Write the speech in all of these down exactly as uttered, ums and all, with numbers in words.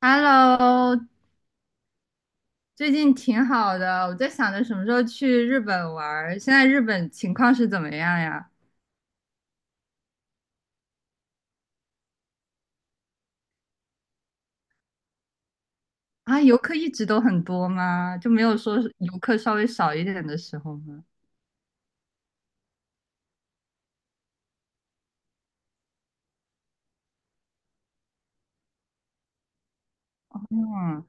Hello，最近挺好的，我在想着什么时候去日本玩儿。现在日本情况是怎么样呀？啊，游客一直都很多吗？就没有说是游客稍微少一点的时候吗？嗯，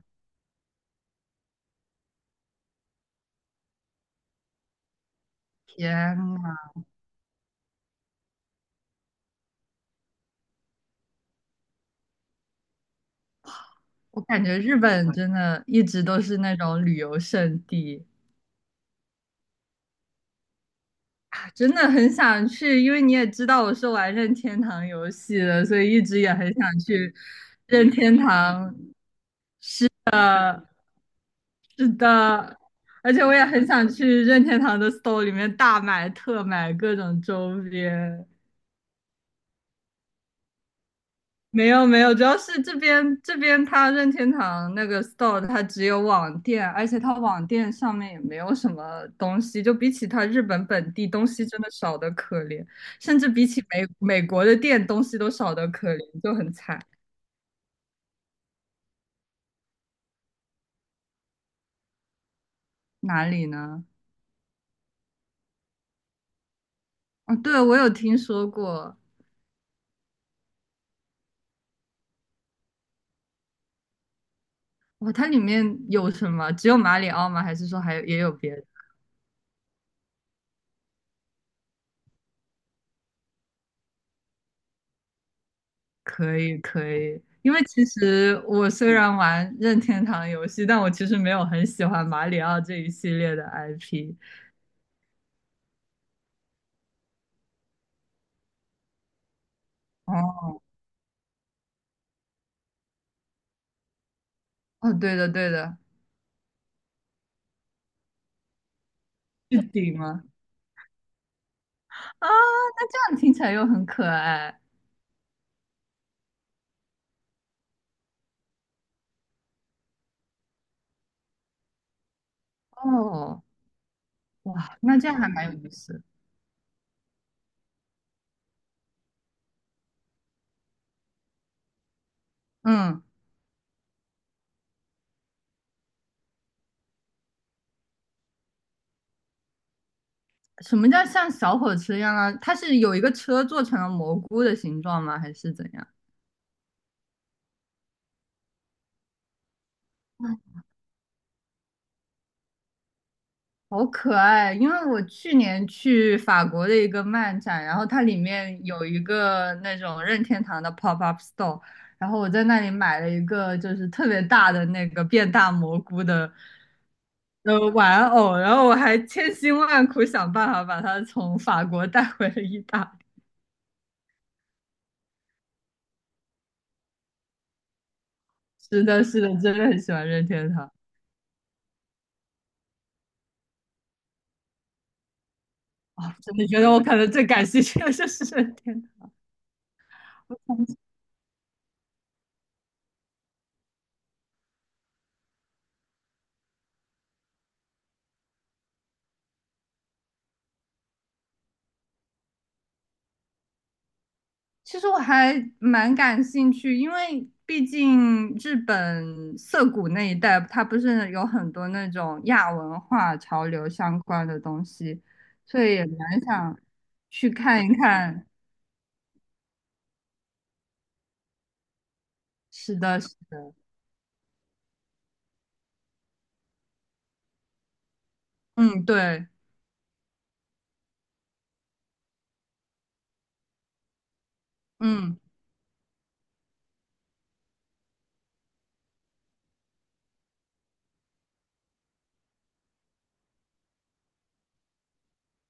天呐，我感觉日本真的一直都是那种旅游胜地，啊真的很想去。因为你也知道我是玩任天堂游戏的，所以一直也很想去任天堂。是的，而且我也很想去任天堂的 store 里面大买特买各种周边。没有没有，主要是这边这边它任天堂那个 store 它只有网店，而且它网店上面也没有什么东西，就比起它日本本地东西真的少的可怜，甚至比起美美国的店东西都少的可怜，就很惨。哪里呢？哦，对，我有听说过，哇，它里面有什么？只有马里奥吗？还是说还有也有别的？可以可以，因为其实我虽然玩任天堂游戏，但我其实没有很喜欢马里奥这一系列的 I P。哦哦，对的对的，是顶吗？啊，那这样听起来又很可爱哦。哇，那这样还蛮有意思。嗯，什么叫像小火车一样啊？它是有一个车做成了蘑菇的形状吗？还是怎样？好可爱！因为我去年去法国的一个漫展，然后它里面有一个那种任天堂的 pop up store，然后我在那里买了一个就是特别大的那个变大蘑菇的呃玩偶，然后我还千辛万苦想办法把它从法国带回了意大利。是的，是的，真的很喜欢任天堂。啊！真的觉得我可能最感兴趣的就是任天堂。其实我还蛮感兴趣，因为毕竟日本涩谷那一带，它不是有很多那种亚文化潮流相关的东西，所以也蛮想去看一看。是的，是的，嗯，对，嗯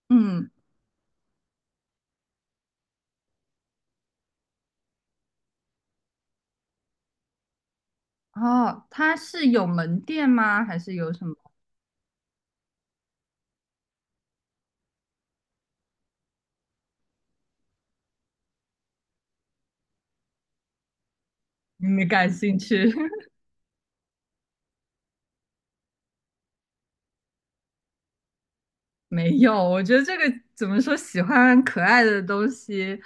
嗯，哦，它是有门店吗？还是有什么？你没感兴趣？没有，我觉得这个怎么说，喜欢可爱的东西，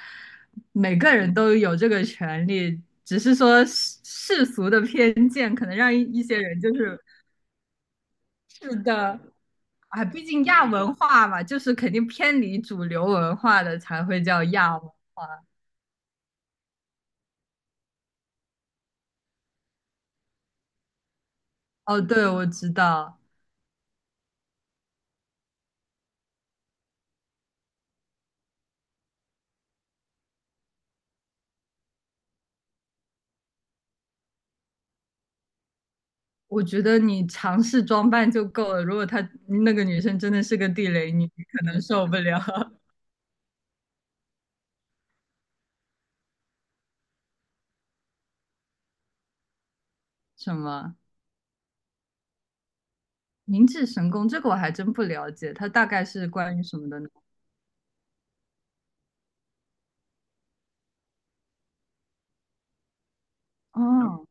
每个人都有这个权利，只是说世世俗的偏见可能让一一些人就是是的，啊，毕竟亚文化嘛，就是肯定偏离主流文化的才会叫亚文。哦，对，我知道，我觉得你尝试装扮就够了。如果她那个女生真的是个地雷，你可能受不了。什么？明治神宫这个我还真不了解，它大概是关于什么的呢？哦，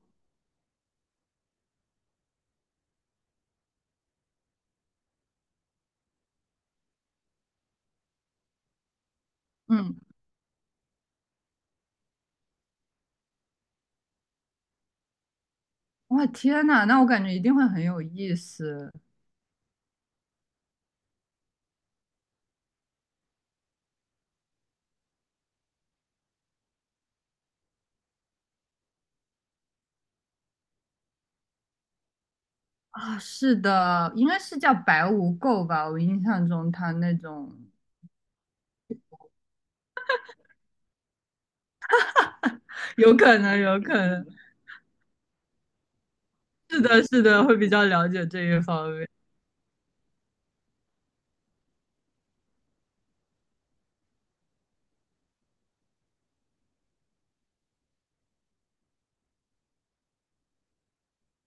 嗯，哇，天呐，那我感觉一定会很有意思。啊！是的，应该是叫白无垢吧？我印象中它那种 有可能，有可能，是的，是的，会比较了解这一方面。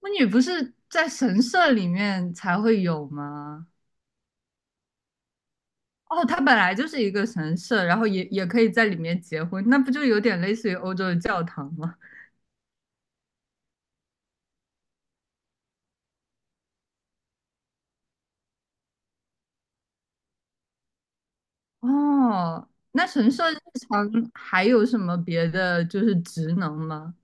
巫女不是在神社里面才会有吗？哦，它本来就是一个神社，然后也也可以在里面结婚，那不就有点类似于欧洲的教堂吗？哦，那神社日常还有什么别的就是职能吗？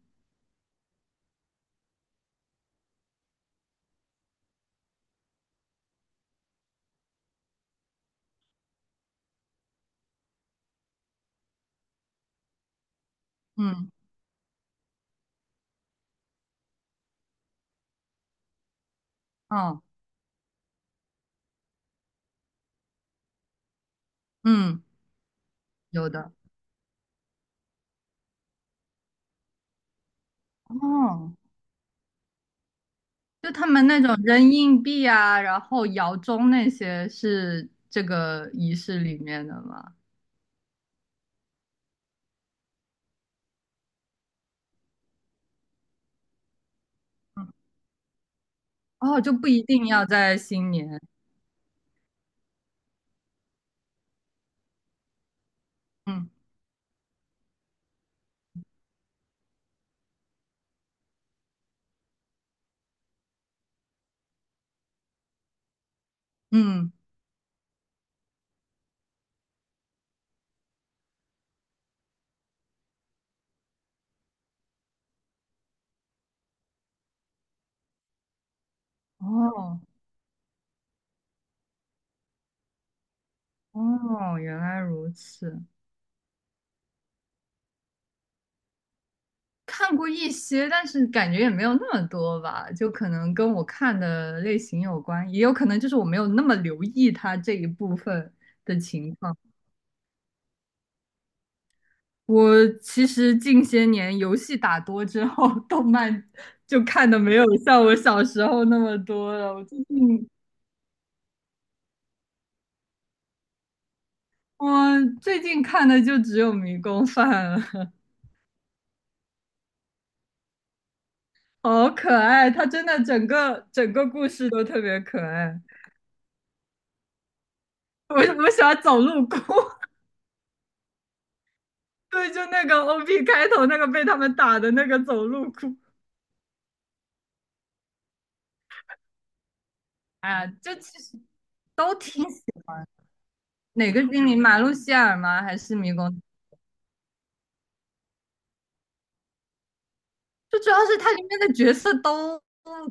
嗯，哦，嗯，有的。哦，就他们那种扔硬币啊，然后摇钟那些是这个仪式里面的吗？嗯，哦，就不一定要在新年。嗯嗯，哦哦，原来如此。看过一些，但是感觉也没有那么多吧，就可能跟我看的类型有关，也有可能就是我没有那么留意它这一部分的情况。我其实近些年游戏打多之后，动漫就看的没有像我小时候那么多了。我最近我最近看的就只有《迷宫饭》了，好可爱！它真的整个整个故事都特别可爱。我我喜欢走路哭。对，就那个 O P 开头那个被他们打的那个走路哭，哎呀，就其实都挺喜欢。哪个精灵？马路希尔吗？还是迷宫？就主要是它里面的角色都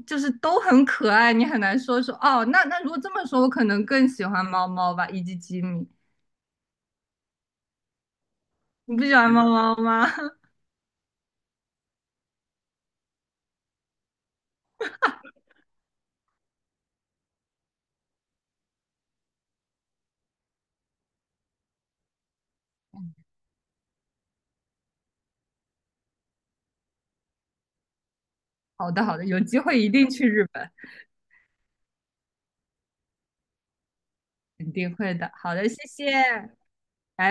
就是都很可爱，你很难说说哦。那那如果这么说，我可能更喜欢猫猫吧，以及吉米。你不喜欢猫猫吗？好的好的，有机会一定去日本，肯定会的。好的，谢谢，拜拜